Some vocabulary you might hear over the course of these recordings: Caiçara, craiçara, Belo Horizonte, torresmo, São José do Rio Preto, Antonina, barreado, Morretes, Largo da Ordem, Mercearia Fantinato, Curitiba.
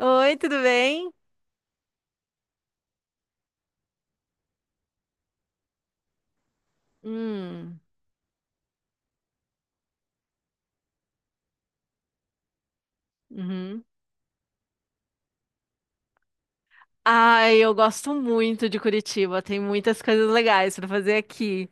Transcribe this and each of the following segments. Oi, tudo bem? Hum, uhum. Ai, eu gosto muito de Curitiba. Tem muitas coisas legais para fazer aqui.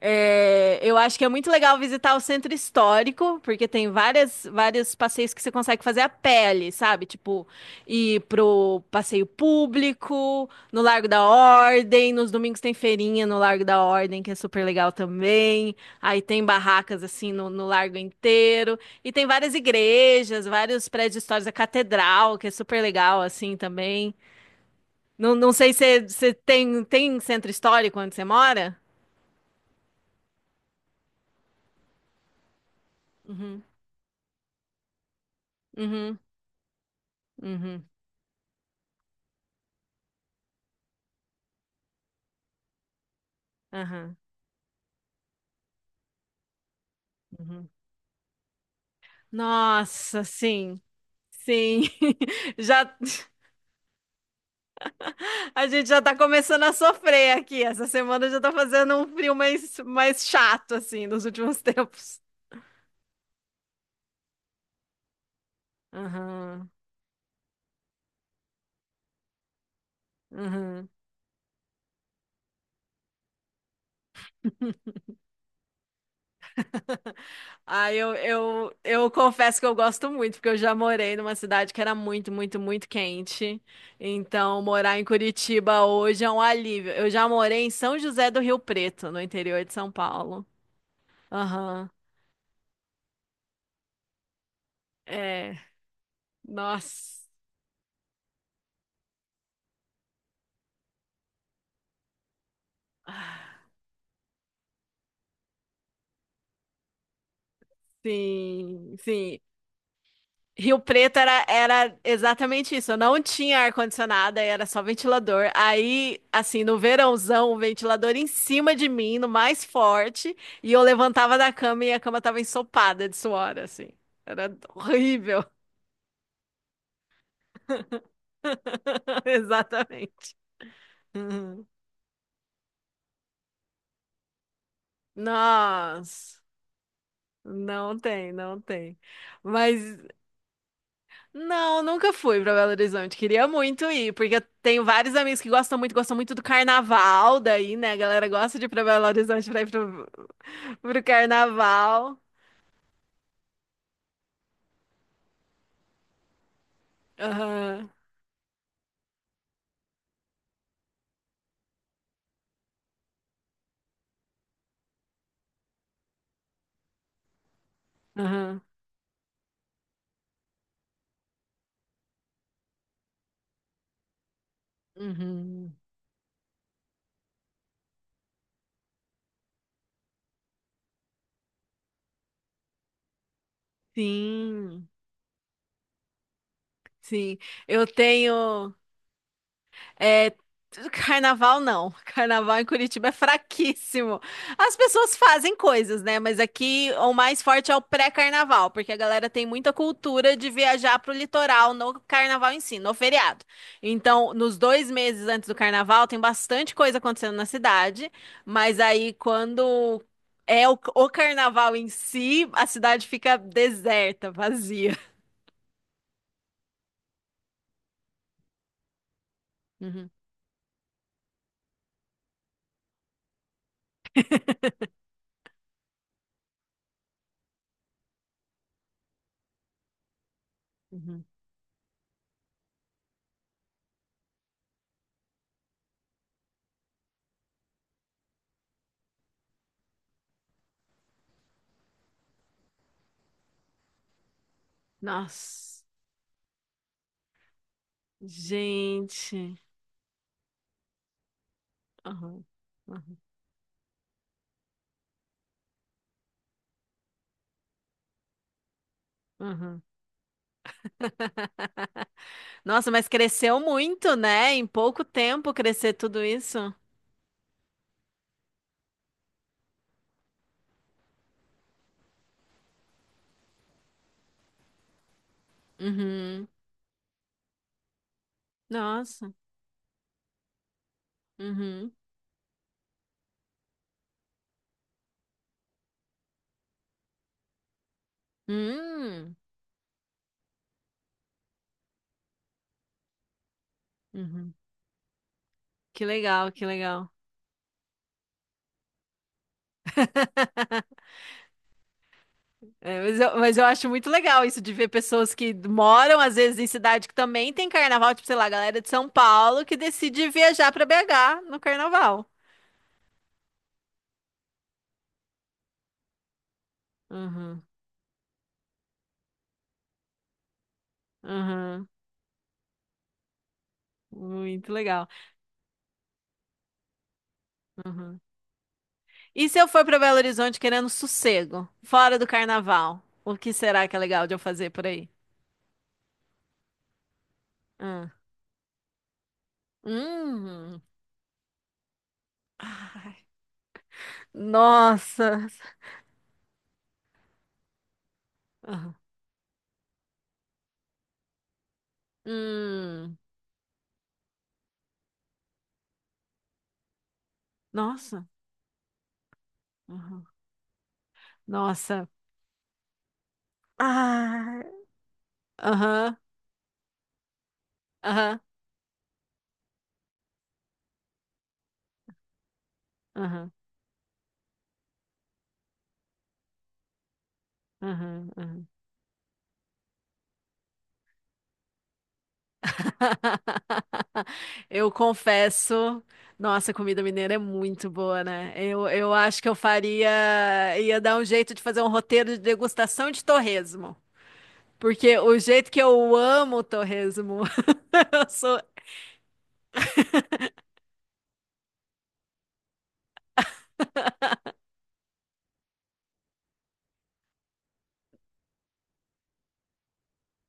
É, eu acho que é muito legal visitar o centro histórico, porque tem vários passeios que você consegue fazer a pé ali, sabe? Tipo, ir pro passeio público, no Largo da Ordem. Nos domingos tem feirinha no Largo da Ordem, que é super legal também. Aí tem barracas assim no largo inteiro. E tem várias igrejas, vários prédios históricos, a catedral, que é super legal assim também. Não, não sei se você tem centro histórico onde você mora? Uhum, uhum, uhum, aham, uhum. Nossa, sim, sim. Já, a gente já tá começando a sofrer aqui. Essa semana já tá fazendo um frio mais chato, assim, nos últimos tempos. Aham, uhum. Ah, eu confesso que eu gosto muito, porque eu já morei numa cidade que era muito, muito, muito quente. Então, morar em Curitiba hoje é um alívio. Eu já morei em São José do Rio Preto, no interior de São Paulo. Aham. É. Nossa. Sim, sim. Rio Preto era exatamente isso. Eu não tinha ar-condicionado, aí era só ventilador. Aí, assim, no verãozão, o ventilador em cima de mim, no mais forte, e eu levantava da cama e a cama tava ensopada de suor, assim. Era horrível. Exatamente. Uhum. Nossa, não tem, não tem. Mas não, nunca fui pra Belo Horizonte. Queria muito ir, porque eu tenho vários amigos que gostam muito do carnaval daí, né? A galera gosta de ir pra Belo Horizonte pra ir pro, pro carnaval. Aham, aham. Uhum. Sim, sim. Eu tenho. É, carnaval não. Carnaval em Curitiba é fraquíssimo. As pessoas fazem coisas, né? Mas aqui o mais forte é o pré-carnaval, porque a galera tem muita cultura de viajar pro litoral no carnaval em si, no feriado. Então, nos 2 meses antes do carnaval, tem bastante coisa acontecendo na cidade, mas aí quando é o carnaval em si, a cidade fica deserta, vazia. Uhum, uhum. Nossa, gente. Aham. Uhum. Nossa, mas cresceu muito, né? Em pouco tempo crescer tudo isso. Uhum. Nossa. Uhum. Hum. Uhum. Que legal, que legal. É, mas eu acho muito legal isso de ver pessoas que moram, às vezes, em cidade que também tem carnaval, tipo, sei lá, a galera de São Paulo que decide viajar para BH no carnaval. Uhum. Uhum. Muito legal. Uhum. E se eu for para Belo Horizonte querendo sossego, fora do carnaval, o que será que é legal de eu fazer por aí? Hum. Hum. Ai, nossa. Aham. Hum. Nossa. Aham. Nossa. Ai, aham. Aham. Aham. Aham. Aham. Eu confesso, nossa, a comida mineira é muito boa, né? Eu acho que eu faria, ia dar um jeito de fazer um roteiro de degustação de torresmo. Porque o jeito que eu amo o torresmo, eu sou.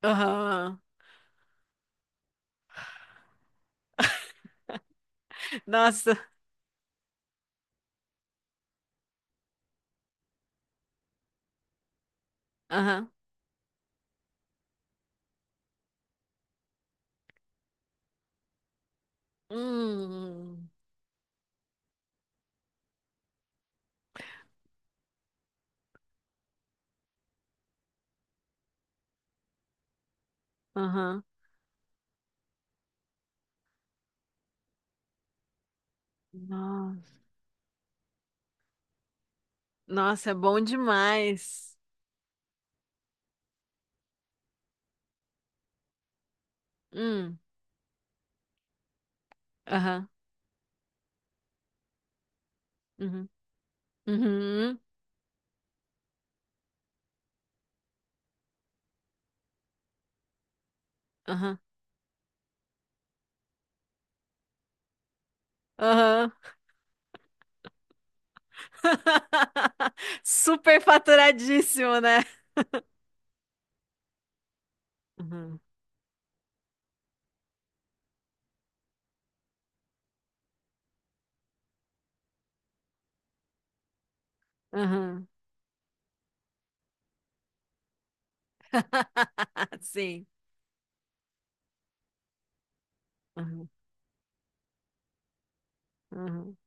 Aham. Nossa. Hum, aham. Nossa. Nossa, é bom demais. Hum, aham. Uhum. Uhum. Aham. Aham. Super faturadíssimo, né? Uhum. Aham. Sim. Uhum. Uhum.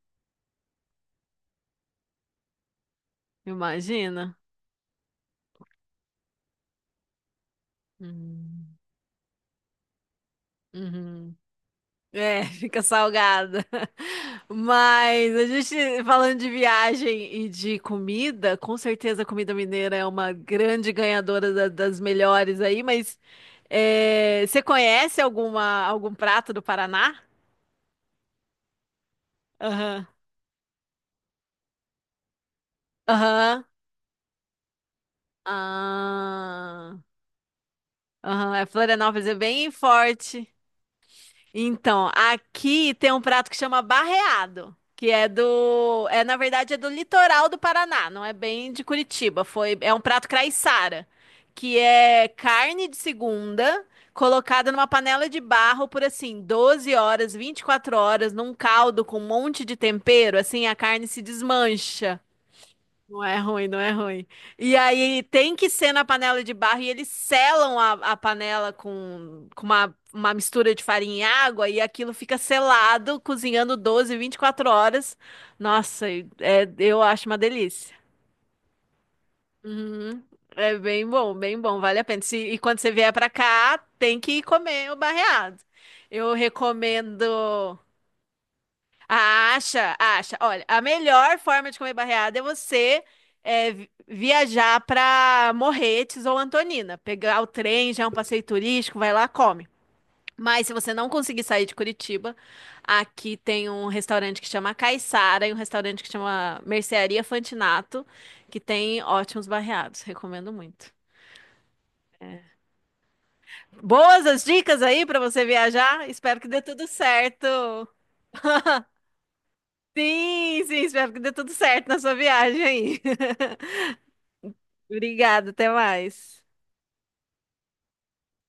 Imagina. Uhum. Uhum. É, fica salgada. Mas a gente falando de viagem e de comida, com certeza a comida mineira é uma grande ganhadora da- das melhores aí, mas é, você conhece alguma, algum prato do Paraná? Aham. Aham. Ah, aham. É, Florianópolis é bem forte. Então, aqui tem um prato que chama barreado, que é do, é na verdade é do litoral do Paraná, não é bem de Curitiba. É um prato craiçara, que é carne de segunda colocada numa panela de barro por assim 12 horas, 24 horas num caldo com um monte de tempero, assim a carne se desmancha. Não é ruim, não é ruim. E aí tem que ser na panela de barro e eles selam a panela com uma mistura de farinha e água e aquilo fica selado, cozinhando 12, 24 horas. Nossa, e- é, eu acho uma delícia. Uhum. É bem bom, vale a pena. Se- e quando você vier pra cá, tem que comer o barreado. Eu recomendo. Acha, acha. Olha, a melhor forma de comer barreada é você é, vi- viajar para Morretes ou Antonina. Pegar o trem, já é um passeio turístico, vai lá, come. Mas se você não conseguir sair de Curitiba, aqui tem um restaurante que chama Caiçara e um restaurante que chama Mercearia Fantinato, que tem ótimos barreados. Recomendo muito. Boas as dicas aí para você viajar. Espero que dê tudo certo. Sim, sim, espero que dê tudo certo na sua viagem aí. Obrigada, até mais.